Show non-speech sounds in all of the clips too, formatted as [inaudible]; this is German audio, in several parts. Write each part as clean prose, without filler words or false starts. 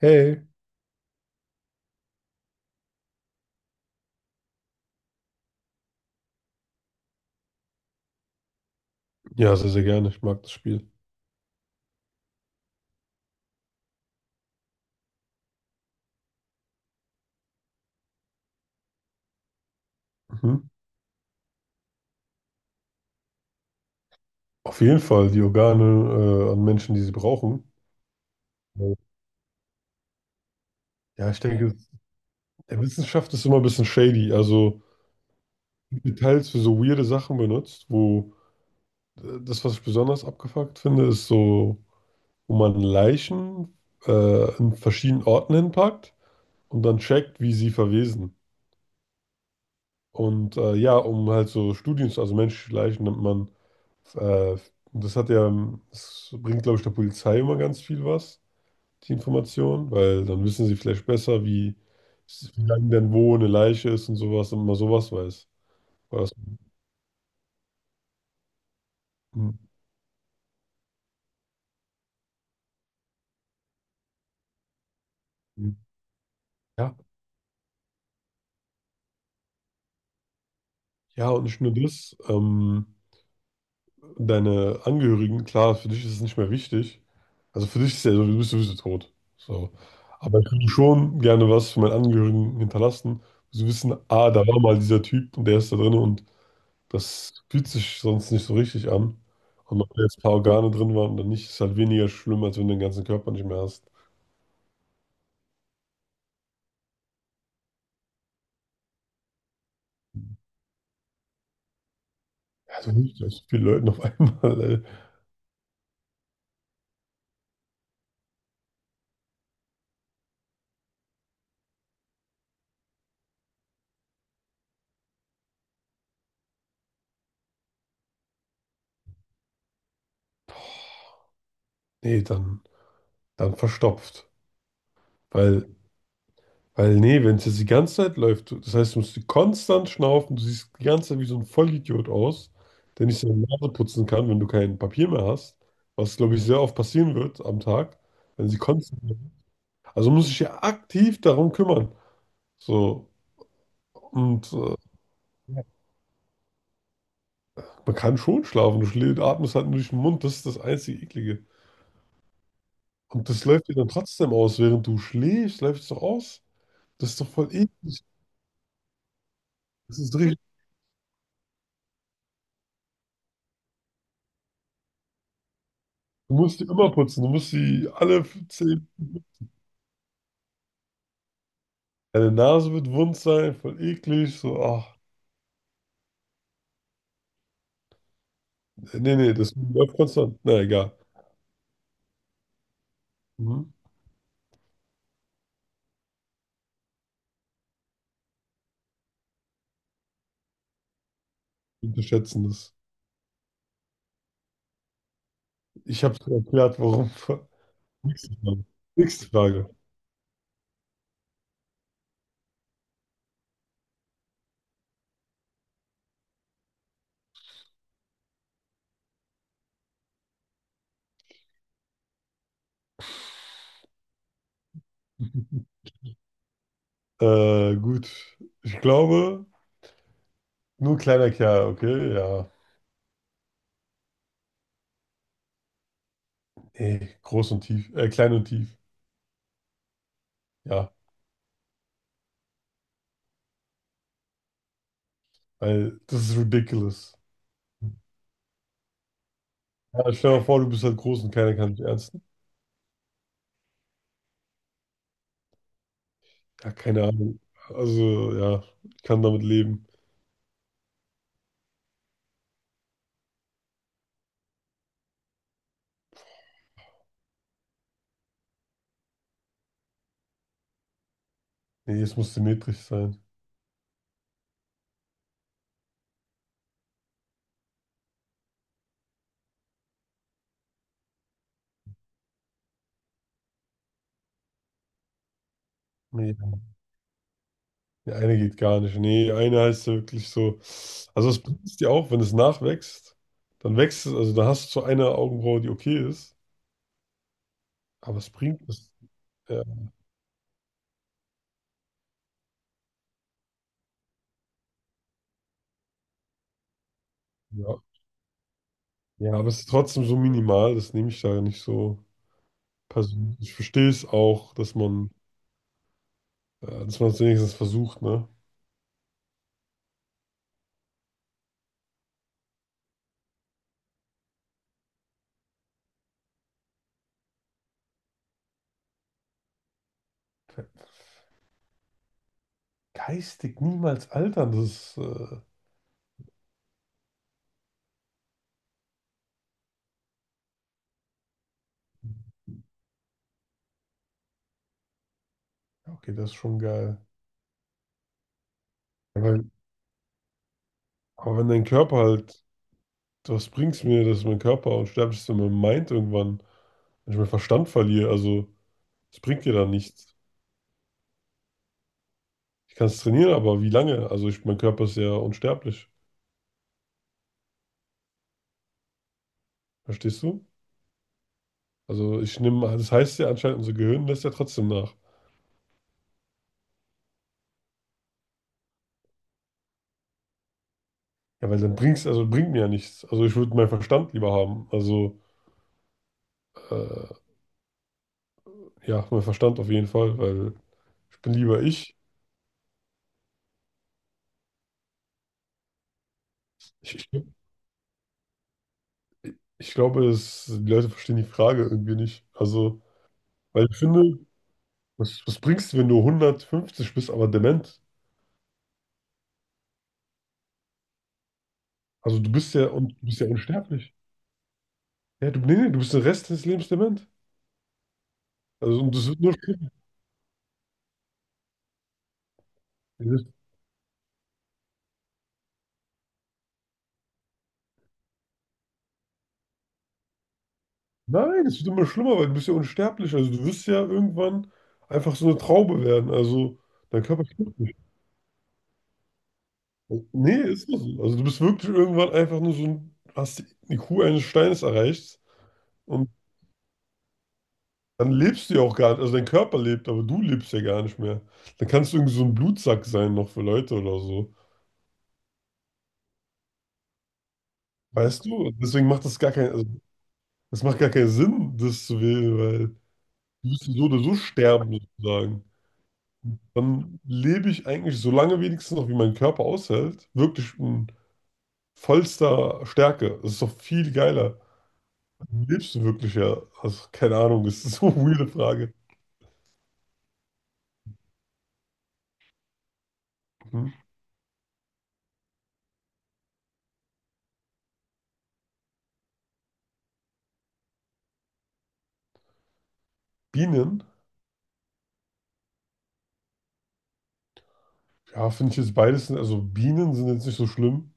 Hey. Ja, sehr, sehr gerne. Ich mag das Spiel. Mhm. Auf jeden Fall die Organe an Menschen, die sie brauchen. Ja, ich denke, der Wissenschaft ist immer ein bisschen shady. Also Details für so weirde Sachen benutzt, wo das, was ich besonders abgefuckt finde, ist so, wo man Leichen in verschiedenen Orten hinpackt und dann checkt, wie sie verwesen. Und ja, um halt so Studien, also menschliche Leichen nimmt man, äh, das hat ja, das bringt, glaube ich, der Polizei immer ganz viel was die Information, weil dann wissen sie vielleicht besser, wie, wie lange denn wo eine Leiche ist und sowas, und man sowas weiß. Weil das, ja, ja, und nicht nur das, deine Angehörigen, klar, für dich ist es nicht mehr wichtig. Also für dich ist ja so, du bist sowieso tot. So. Aber ich würde schon gerne was für meine Angehörigen hinterlassen. Sie wissen, ah, da war mal dieser Typ und der ist da drin und das fühlt sich sonst nicht so richtig an. Und ob da jetzt ein paar Organe drin waren oder nicht, ist halt weniger schlimm, als wenn du den ganzen Körper nicht mehr hast. Also nicht, dass viele Leute auf [laughs] einmal, nee, dann verstopft. Weil, weil nee, wenn es jetzt die ganze Zeit läuft, das heißt, du musst konstant schnaufen, du siehst die ganze Zeit wie so ein Vollidiot aus, der nicht seine Nase putzen kann, wenn du kein Papier mehr hast, was, glaube ich, sehr oft passieren wird am Tag, wenn sie konstant. Also muss ich ja aktiv darum kümmern. So, und man kann schon schlafen, du schläfst, atmest halt nur durch den Mund, das ist das einzige Eklige. Und das läuft dir dann trotzdem aus, während du schläfst, läuft es doch aus. Das ist doch voll eklig. Das ist richtig. Du musst die immer putzen. Du musst die alle zehn. Deine Nase wird wund sein, voll eklig. So, ach. Nee, nee, das läuft konstant. Na egal. Mhm. Wir unterschätzen das. Ich habe dir erklärt, warum. [laughs] Nächste Frage. Nächste Frage. [laughs] Gut. Ich glaube, nur kleiner Kerl, okay? Ja. Nee, groß und tief. Klein und tief. Ja. Weil das ist ridiculous. Ja, stell dir mal vor, du bist halt groß und keiner kann dich ernst. Ja, keine Ahnung. Also, ja, ich kann damit leben. Nee, es muss symmetrisch sein. Nee, die eine geht gar nicht. Nee, eine heißt ja wirklich so. Also, es bringt es dir auch, wenn es nachwächst, dann wächst es, also da hast du so eine Augenbraue, die okay ist, aber es bringt es. Ja, ja. Ja, aber es ist trotzdem so minimal, das nehme ich da nicht so persönlich. Ich verstehe es auch, dass man es wenigstens versucht, ne? Geistig niemals altern, das ist, ja, okay, das ist schon geil. Aber Aber wenn dein Körper halt, was bringt's mir, dass mein Körper unsterblich ist, wenn mein Mind irgendwann, wenn ich meinen Verstand verliere, also es bringt dir dann nichts. Ich kann es trainieren, aber wie lange? Also ich, mein Körper ist ja unsterblich. Verstehst du? Also ich nehme, das heißt ja anscheinend, unser Gehirn lässt ja trotzdem nach. Ja, weil dann bringt's, also bringt mir ja nichts. Also ich würde meinen Verstand lieber haben. Also äh, ja, meinen Verstand auf jeden Fall, weil ich bin lieber ich. Ich, ich, ich glaube, es, die Leute verstehen die Frage irgendwie nicht. Also, weil ich finde, was, was bringst du, wenn du 150 bist, aber dement? Also du bist ja und du bist ja unsterblich. Ja, du, nee, nee, du bist den Rest des Lebens dement. Also und das wird nur schlimmer. Das- Nein, es wird immer schlimmer, weil du bist ja unsterblich. Also du wirst ja irgendwann einfach so eine Traube werden. Also dein Körper stirbt nicht. Nee, ist nicht so. Also du bist wirklich irgendwann einfach nur so ein, hast die IQ eines Steines erreicht und dann lebst du ja auch gar nicht. Also dein Körper lebt, aber du lebst ja gar nicht mehr. Dann kannst du irgendwie so ein Blutsack sein noch für Leute oder so. Weißt du, deswegen macht das gar keinen, also, das macht gar keinen Sinn, das zu wählen, weil du wirst so oder so sterben, sozusagen. Dann lebe ich eigentlich so lange wenigstens noch, wie mein Körper aushält, wirklich in vollster Stärke. Das ist doch viel geiler. Lebst du wirklich ja? Also, keine Ahnung, das ist [laughs] so eine weirde Frage. Mhm. Bienen? Ja, finde ich jetzt beides, also Bienen sind jetzt nicht so schlimm,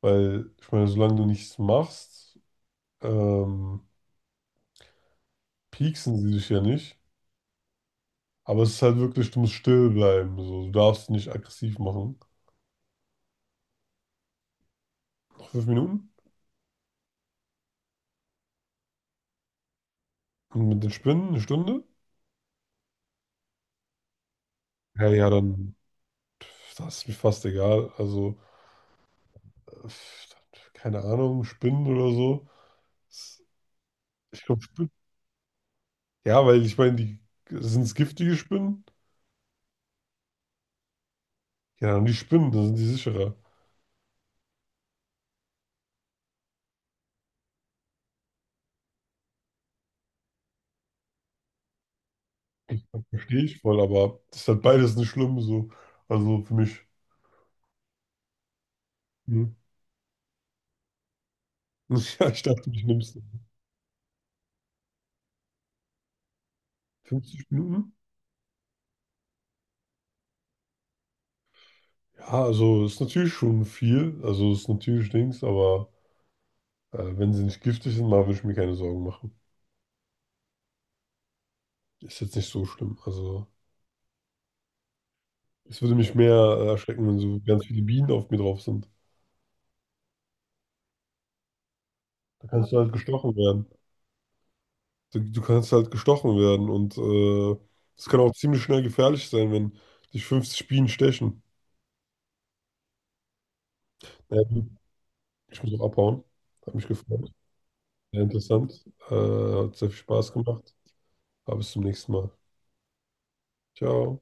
weil, ich meine, solange du nichts machst, ähm, pieksen sie dich ja nicht. Aber es ist halt wirklich, du musst still bleiben. So. Du darfst nicht aggressiv machen. Noch 5 Minuten? Und mit den Spinnen 1 Stunde? Ja, ja, dann pf, das ist mir fast egal. Also, pf, keine Ahnung, Spinnen oder so. Das- Ich glaube, Spinnen. Ja, weil ich meine, die sind es giftige Spinnen? Ja, dann die Spinnen, dann sind die sicherer. Verstehe ich voll, aber das ist halt beides nicht schlimm so. Also für mich. Mhm. [laughs] Ja, ich dachte, mich nimmst du. 50 Minuten? Ja, also ist natürlich schon viel. Also ist natürlich Dings, aber. Wenn sie nicht giftig sind, mal würde ich mir keine Sorgen machen. Ist jetzt nicht so schlimm. Also, es würde mich mehr erschrecken, wenn so ganz viele Bienen auf mir drauf sind. Da kannst du halt gestochen werden. Du kannst halt gestochen werden und das kann auch ziemlich schnell gefährlich sein, wenn dich 50 Bienen stechen. Naja, gut, ich muss auch abhauen. Hat mich gefreut. Sehr interessant. Hat sehr viel Spaß gemacht. Aber bis zum nächsten Mal. Ciao.